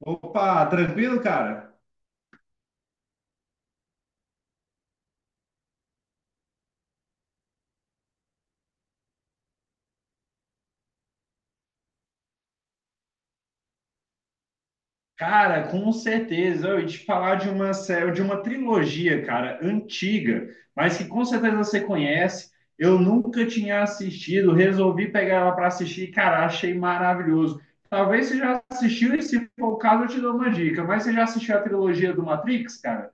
Opa, tranquilo, cara? Cara, com certeza. Eu ia te falar de uma série, de uma trilogia, cara, antiga, mas que com certeza você conhece. Eu nunca tinha assistido, resolvi pegar ela para assistir, cara, achei maravilhoso. Talvez você já assistiu, e se for o caso, eu te dou uma dica. Mas você já assistiu a trilogia do Matrix, cara?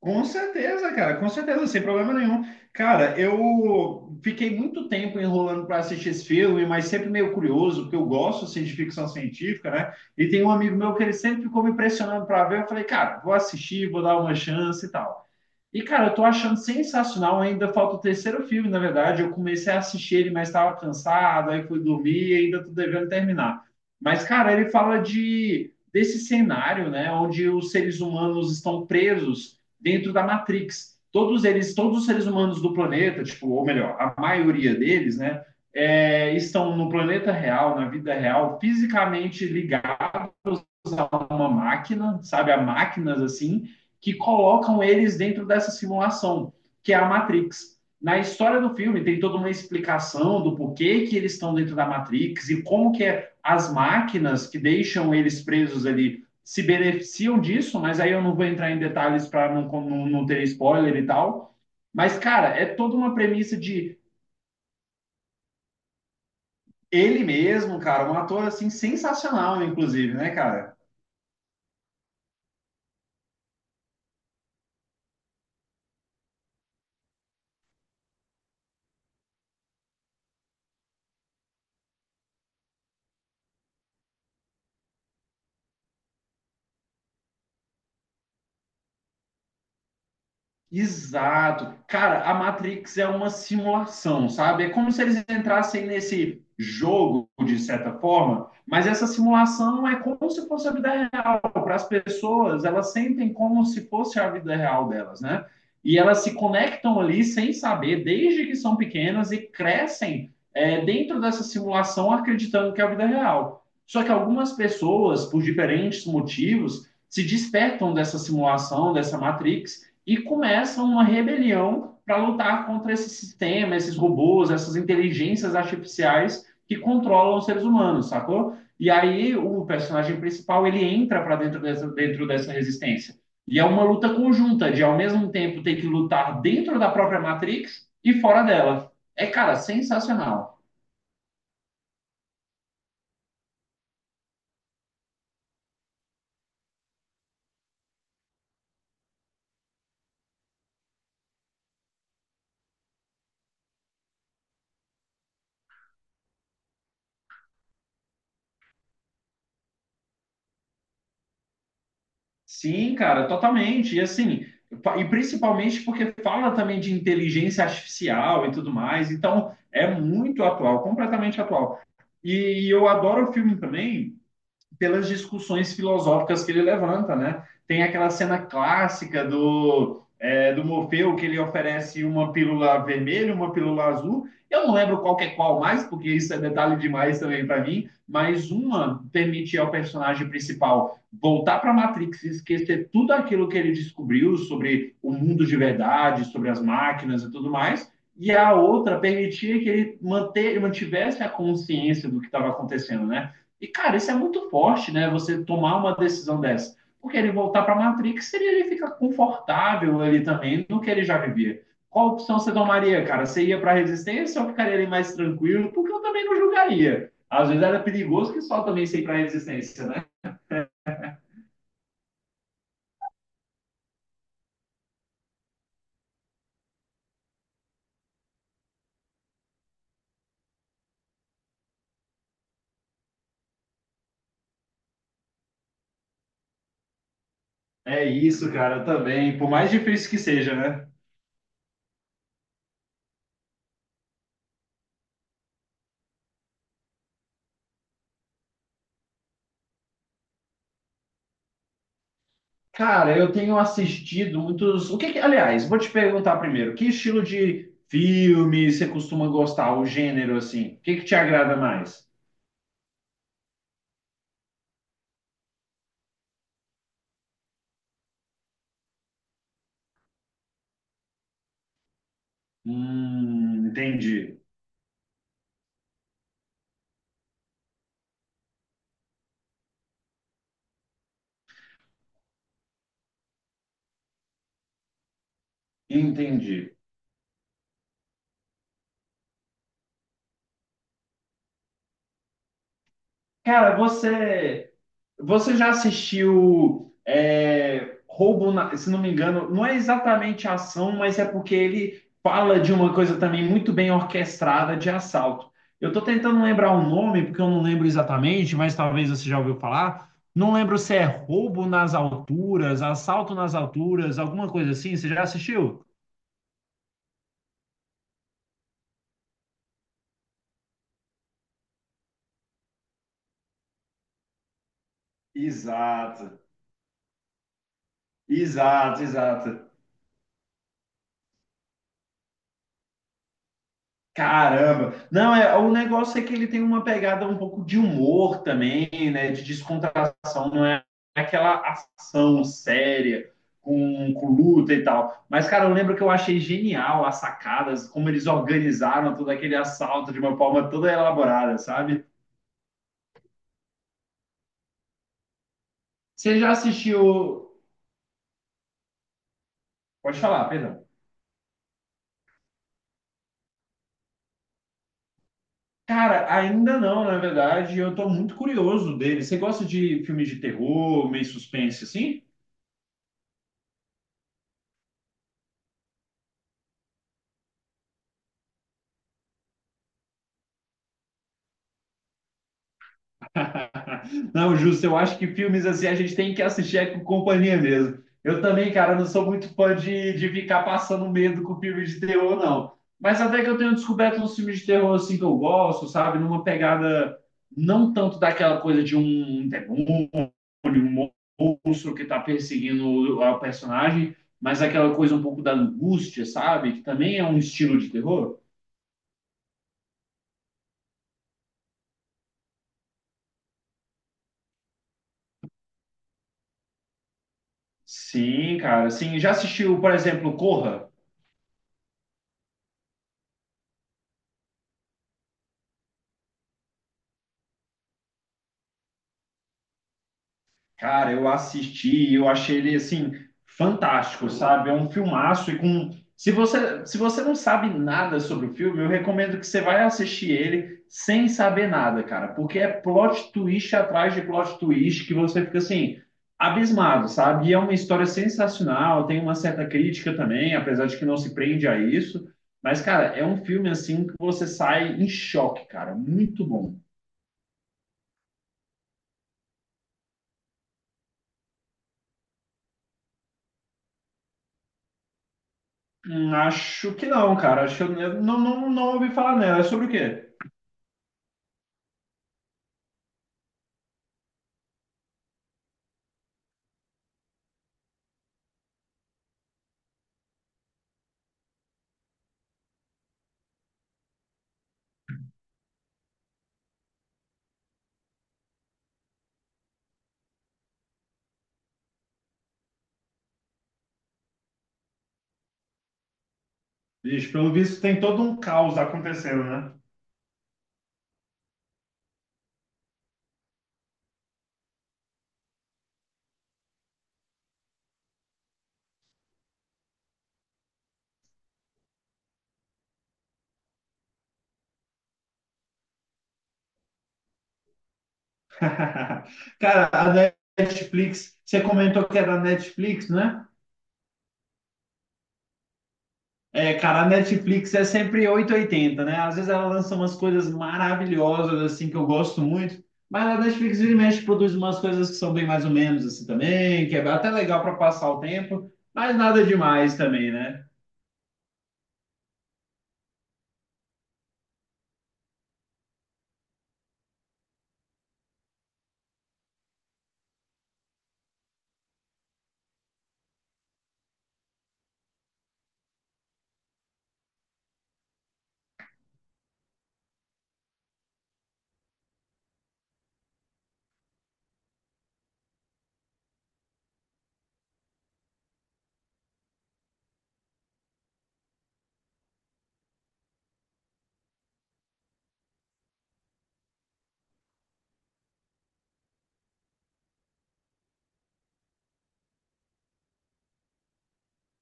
Com certeza, cara, com certeza, sem problema nenhum. Cara, eu fiquei muito tempo enrolando para assistir esse filme, mas sempre meio curioso, porque eu gosto assim, de ficção científica, né? E tem um amigo meu que ele sempre ficou me pressionando para ver. Eu falei, cara, vou assistir, vou dar uma chance e tal. E, cara, eu tô achando sensacional. Ainda falta o terceiro filme, na verdade. Eu comecei a assistir ele, mas estava cansado, aí fui dormir e ainda tô devendo terminar. Mas, cara, ele fala de desse cenário, né, onde os seres humanos estão presos dentro da Matrix. Todos eles, todos os seres humanos do planeta, tipo, ou melhor, a maioria deles, né, é, estão no planeta real, na vida real, fisicamente ligados usar uma máquina, sabe? Há máquinas assim, que colocam eles dentro dessa simulação, que é a Matrix. Na história do filme tem toda uma explicação do porquê que eles estão dentro da Matrix e como que é as máquinas que deixam eles presos ali se beneficiam disso, mas aí eu não vou entrar em detalhes para não ter spoiler e tal. Mas, cara, é toda uma premissa de ele mesmo, cara, um ator assim sensacional, inclusive, né, cara? Exato. Cara, a Matrix é uma simulação, sabe? É como se eles entrassem nesse jogo, de certa forma, mas essa simulação é como se fosse a vida real. Para as pessoas, elas sentem como se fosse a vida real delas, né? E elas se conectam ali sem saber, desde que são pequenas e crescem é, dentro dessa simulação, acreditando que é a vida real. Só que algumas pessoas, por diferentes motivos, se despertam dessa simulação, dessa Matrix e começam uma rebelião para lutar contra esse sistema, esses robôs, essas inteligências artificiais que controlam os seres humanos, sacou? E aí o personagem principal ele entra para dentro dessa resistência. E é uma luta conjunta de ao mesmo tempo ter que lutar dentro da própria Matrix e fora dela. É, cara, sensacional. Sim, cara, totalmente. E assim, e principalmente porque fala também de inteligência artificial e tudo mais, então é muito atual, completamente atual. E eu adoro o filme também pelas discussões filosóficas que ele levanta, né? Tem aquela cena clássica do, é, do Morfeu que ele oferece uma pílula vermelha, uma pílula azul. Eu não lembro qual que é qual mais, porque isso é detalhe demais também para mim. Mas uma permite ao personagem principal voltar para a Matrix, e esquecer tudo aquilo que ele descobriu sobre o mundo de verdade, sobre as máquinas e tudo mais. E a outra permitia que ele manter, mantivesse a consciência do que estava acontecendo, né? E, cara, isso é muito forte, né? Você tomar uma decisão dessa. Porque ele voltar para a Matrix seria ele ficar confortável ali também no que ele já vivia. Qual opção você tomaria, cara? Você ia para a Resistência ou ficaria ali mais tranquilo? Porque eu também não julgaria. Às vezes era perigoso que só também sei para a Resistência, né? É isso, cara, também. Por mais difícil que seja, né? Cara, eu tenho assistido muitos. O que que... Aliás, vou te perguntar primeiro, que estilo de filme você costuma gostar, o gênero assim? O que que te agrada mais? Entendi, entendi. Cara, você já assistiu é, Roubo, na- se não me engano, não é exatamente ação, mas é porque ele fala de uma coisa também muito bem orquestrada de assalto. Eu tô tentando lembrar o nome, porque eu não lembro exatamente, mas talvez você já ouviu falar. Não lembro se é Roubo nas Alturas, Assalto nas Alturas, alguma coisa assim. Você já assistiu? Exato, exato, exato. Caramba! Não, é, o negócio é que ele tem uma pegada um pouco de humor também, né? De descontração, não é aquela ação séria com luta e tal. Mas, cara, eu lembro que eu achei genial as sacadas, como eles organizaram todo aquele assalto de uma forma toda elaborada, sabe? Você já assistiu. Pode falar, perdão. Cara, ainda não, na verdade, eu tô muito curioso dele. Você gosta de filmes de terror, meio suspense, assim? Não, justo, eu acho que filmes assim a gente tem que assistir é com companhia mesmo. Eu também, cara, não sou muito fã de ficar passando medo com filme de terror, não. Mas até que eu tenho descoberto uns filmes de terror assim que eu gosto, sabe? Numa pegada não tanto daquela coisa de um demônio, um monstro que tá perseguindo o personagem, mas aquela coisa um pouco da angústia, sabe? Que também é um estilo de terror. Sim, cara, sim. Já assistiu, por exemplo, Corra? Cara, eu assisti e eu achei ele assim fantástico, sabe? É um filmaço e com se você não sabe nada sobre o filme, eu recomendo que você vai assistir ele sem saber nada, cara, porque é plot twist atrás de plot twist que você fica assim abismado, sabe? E é uma história sensacional, tem uma certa crítica também, apesar de que não se prende a isso, mas cara, é um filme assim que você sai em choque, cara, muito bom. Acho que não, cara. Acho que eu não, não ouvi falar nela. É sobre o quê? Vixe, pelo visto tem todo um caos acontecendo, né? Cara, a Netflix, você comentou que é da Netflix, né? É, cara, a Netflix é sempre oito e oitenta, né? Às vezes ela lança umas coisas maravilhosas, assim, que eu gosto muito. Mas a Netflix vira e mexe produz umas coisas que são bem mais ou menos, assim, também, que é até legal para passar o tempo, mas nada demais também, né?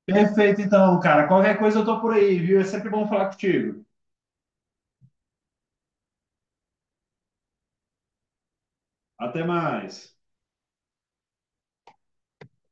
Perfeito, então, cara. Qualquer coisa eu tô por aí, viu? É sempre bom falar contigo. Até mais.